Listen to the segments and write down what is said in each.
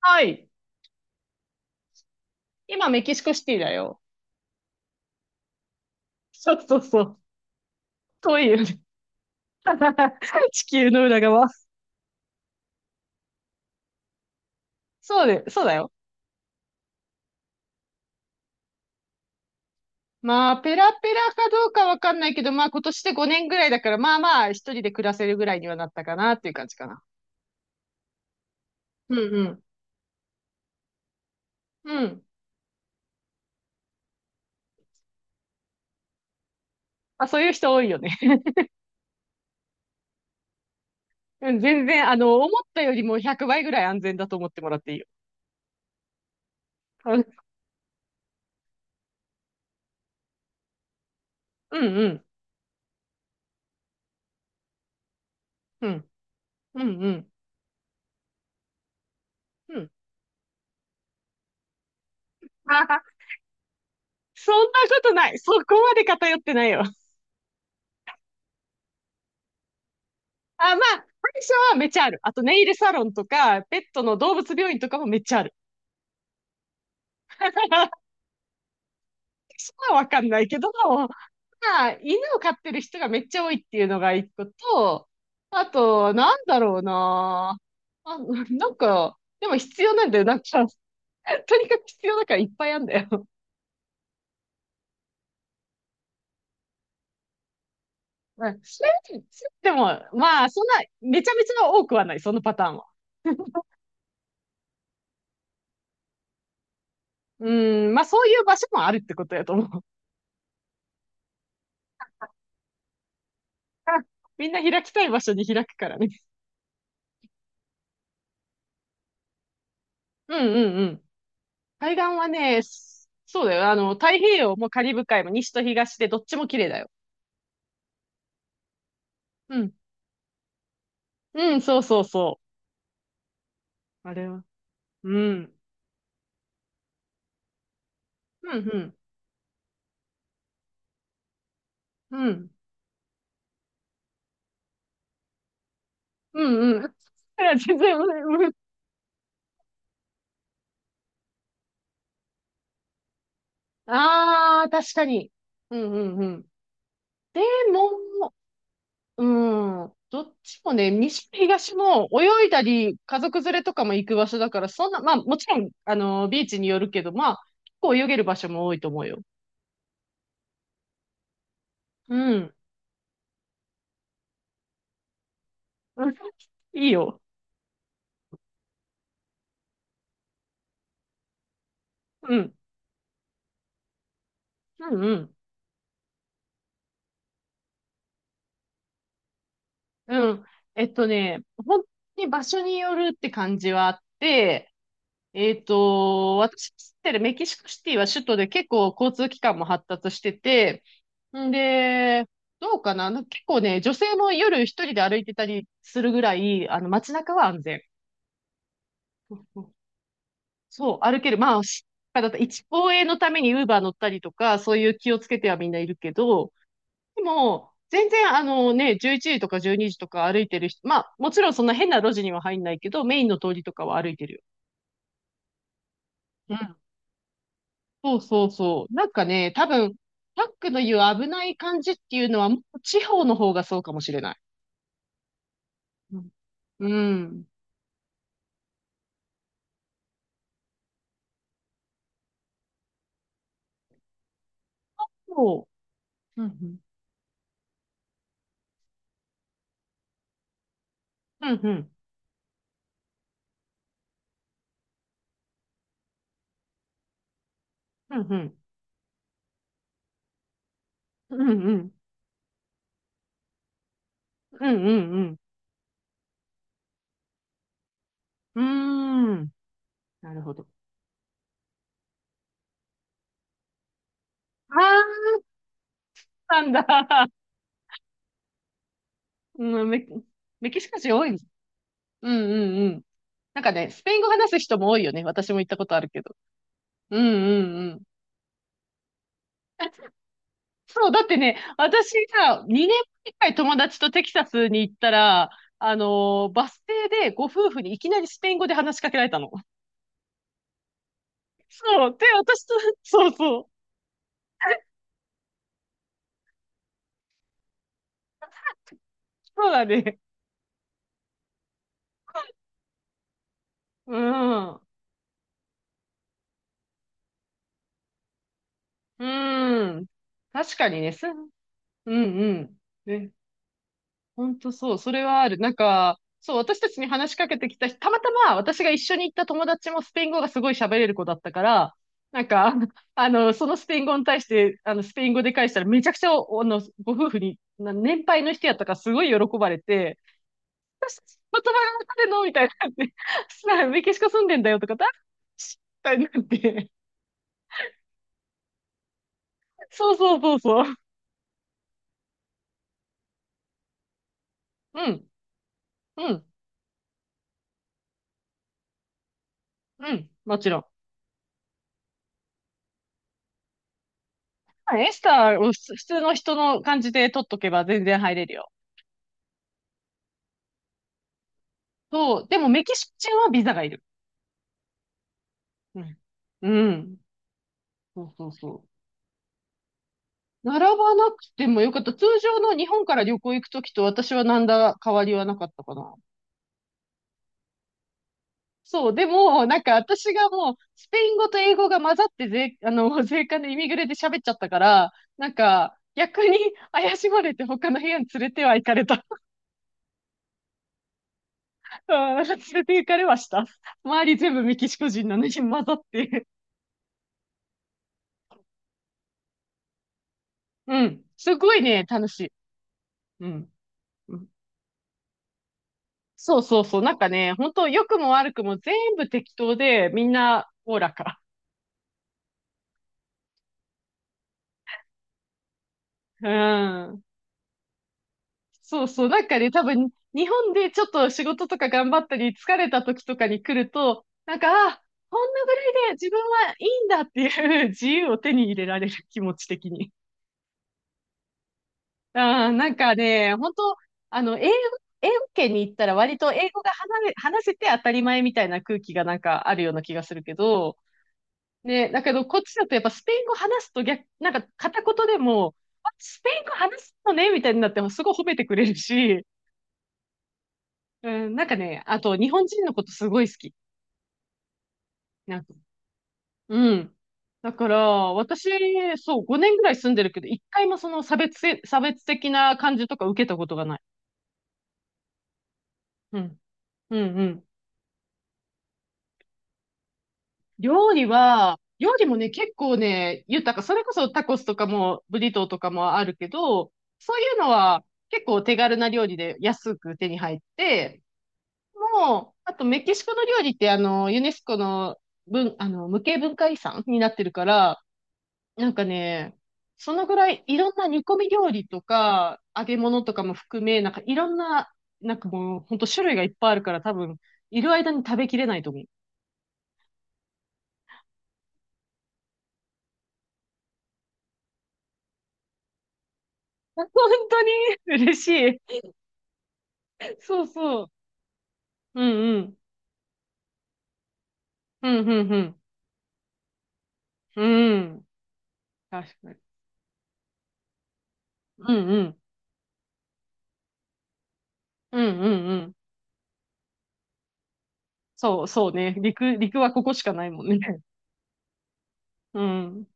はい。今、メキシコシティだよ。そうそうそう。遠いよね。地球の裏側。そうで、そうだよ。まあ、ペラペラかどうかわかんないけど、まあ、今年で5年ぐらいだから、まあまあ、一人で暮らせるぐらいにはなったかなっていう感じかな。うんうん。うん。あ、そういう人多いよね。うん全然、あの、思ったよりも100倍ぐらい安全だと思ってもらっていいよ。うんうんうん。うんうんうん。あはは。 そんなことない。そこまで偏ってないよ。あ、まあ、歯医はめっちゃある。あと、ネイルサロンとか、ペットの動物病院とかもめっちゃある。そ医はわかんないけど、まあ、犬を飼ってる人がめっちゃ多いっていうのが一個と、あと、なんだろうな。あ、なんか、でも必要なんだよ。なんか、とにかく必要だからいっぱいあるんだよ。まあでも、まあ、そんな、めちゃめちゃ多くはない、そのパターンは。うん、まあ、そういう場所もあるってことやと思う。みんな開きたい場所に開くからね。うんうんうん。海岸はね、そうだよ。あの、太平洋もカリブ海も西と東でどっちも綺麗だよ。うん。うん、そうそうそう。あれは。うん。うん、うん。うん。うん、うん。いや全然、うん、ああー、確かに。うん、うん、うん。でも、うん。どっちもね、西も東も泳いだり、家族連れとかも行く場所だから、そんな、まあ、もちろん、あの、ビーチによるけど、まあ、結構泳げる場所も多いと思うよ。うん。うん、いいよ。うん。うんうん。うん。本当に場所によるって感じはあって、私が住んでるメキシコシティは首都で結構交通機関も発達してて、んで、どうかな、なんか結構ね、女性も夜一人で歩いてたりするぐらい、あの街中は安全。そう、歩ける。だと一応衛のためにウーバー乗ったりとか、そういう気をつけてはみんないるけど、でも、全然あのね、11時とか12時とか歩いてる人、まあ、もちろんそんな変な路地には入んないけど、メインの通りとかは歩いてるよ。うん。そうそうそう。なんかね、多分、タックの言う危ない感じっていうのは、もう地方の方がそうかもしれない。うん。うん。そううん。うんうん。うんうん。うんうん。うんうんうん。うーん。なるほど。ああ、なんだ。うん、メキシカ人多いです。うんうんうん。なんかね、スペイン語話す人も多いよね。私も行ったことあるけど。うんうんうん。そう、だってね、私さ、2年前くらい友達とテキサスに行ったら、バス停でご夫婦にいきなりスペイン語で話しかけられたの。そう。で、私と、そうそう。そうだね。うん。うん。確かにね、す、うんうん。ね、本当そう、それはある。なんか、そう、私たちに話しかけてきた人、たまたま私が一緒に行った友達もスペイン語がすごい喋れる子だったから、なんか、あの、そのスペイン語に対して、あの、スペイン語で返したらめちゃくちゃ、あの、ご夫婦に、な年配の人やったからすごい喜ばれて、またまたでのみたいにな感じさメキシコ住んでんだよとか、し、みたいになって。そうそうそうそう。うん、うん、うん、もちろん。エスターを普通の人の感じで取っとけば全然入れるよ。そう、でもメキシコ人はビザがいる。うん。うん。そうそうそう。並ばなくてもよかった。通常の日本から旅行行くときと私は何だ変わりはなかったかな。そう、でも、私がもう、スペイン語と英語が混ざってあの、税関でイミグレで喋っちゃったから、なんか、逆に怪しまれて他の部屋に連れては行かれた。うん、連れて行かれました。周り全部メキシコ人なのに混ざって。うん。すごいね、楽しい。うん。そうそうそう。なんかね、本当良くも悪くも全部適当で、みんなおおらか。うん。そうそう。なんかね、多分、日本でちょっと仕事とか頑張ったり、疲れた時とかに来ると、なんか、あ、こんなぐらいで自分はいいんだっていう 自由を手に入れられる気持ち的に。ああ、なんかね、本当あの、英語圏に行ったら割と英語が話せて当たり前みたいな空気がなんかあるような気がするけど、ね、だけどこっちだとやっぱスペイン語話すと逆、なんか片言でも、あ、スペイン語話すのねみたいになってもすごい褒めてくれるし、うん、なんかね、あと日本人のことすごい好き。なんか、うん。だから、私、そう、5年ぐらい住んでるけど、一回もその差別的な感じとか受けたことがない。うん。うんうん。料理は、料理もね、結構ね、豊か。それこそタコスとかも、ブリトーとかもあるけど、そういうのは結構手軽な料理で安く手に入って、もう、あとメキシコの料理ってあの、ユネスコの文、あの、無形文化遺産になってるから、なんかね、そのぐらいいろんな煮込み料理とか、揚げ物とかも含め、なんかいろんな、なんかもう、ほんと種類がいっぱいあるから多分、いる間に食べきれないと思う。本当に嬉しい。そうそう。うんうん。うんうんうん。うん。確かに。うんうん。うんうんうん。そうそうね。陸はここしかないもんね。うん。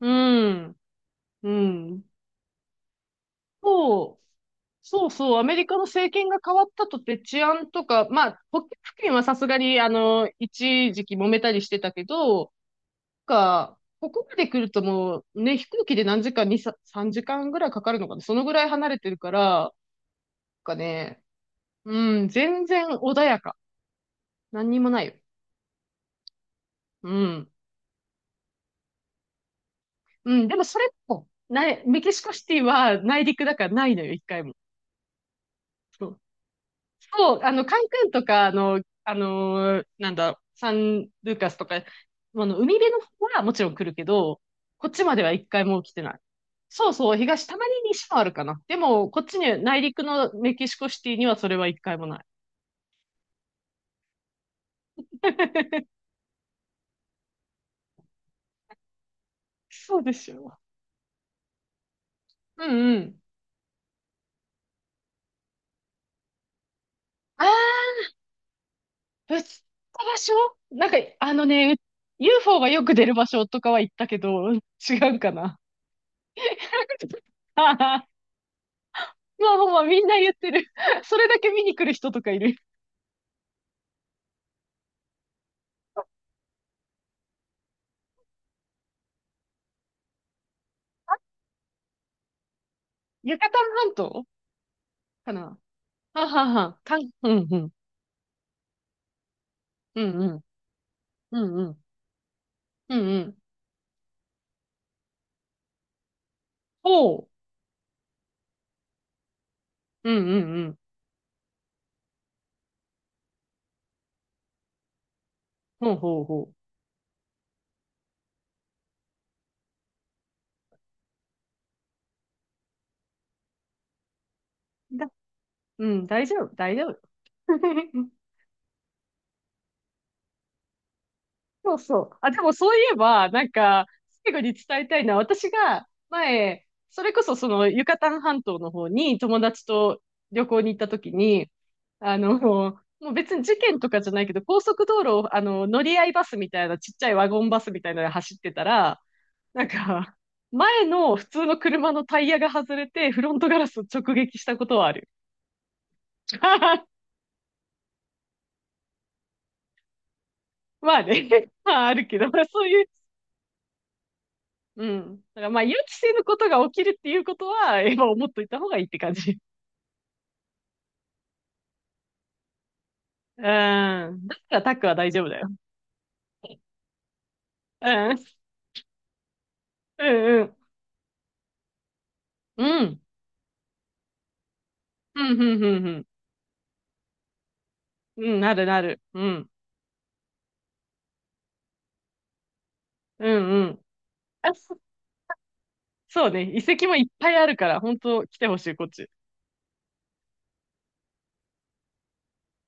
うん。うん。そう。そうそう。アメリカの政権が変わったとって治安とか、まあ、北極付近はさすがに、あの、一時期揉めたりしてたけど、なんか、ここまで来るともう、ね、飛行機で何時間、2、3時間ぐらいかかるのかな。そのぐらい離れてるから、なんかね、うん、全然穏やか。何にもないよ。うん。うん、でもそれも、ない、メキシコシティは内陸だからないのよ、一回も。そう、そうあの、カンクンとか、あの、なんだ、サンルーカスとか、あの、海辺の方はもちろん来るけど、こっちまでは一回も来てない。そうそう、東、たまに西もあるかな。でも、こっちに、内陸のメキシコシティにはそれは一回もない。そうでしょう。うんうん。ああぶつった場所、なんか、あのね、UFO がよく出る場所とかは行ったけど、違うかな。あはは。まあまあまあ、みんな言ってる。それだけ見に来る人とかいる。ユカタン半島かな。はんはんはん。かん、うんうん。うんうん。うんうん。うんうん。ほう。うんうんうん。ほうほうほう。うん、大丈夫、大丈夫。そうそう。あ、でもそういえば、なんか、最後に伝えたいのは、私が前、それこそそのユカタン半島の方に友達と旅行に行った時に、あの、もう別に事件とかじゃないけど、高速道路を、あの、乗り合いバスみたいな、ちっちゃいワゴンバスみたいなので走ってたら、なんか、前の普通の車のタイヤが外れて、フロントガラスを直撃したことはある。まあね、まああるけど、そういう、うん。だからまあ予期せぬことが起きるっていうことは、今思っといた方がいいって感じ。うん。だからタックは大丈夫だよ。うん。うんうん。うん。うん、うん、うん、うん。うん、なるなる。うん。うん、うん。あ、そうね。遺跡もいっぱいあるから、本当来てほしい、こっち。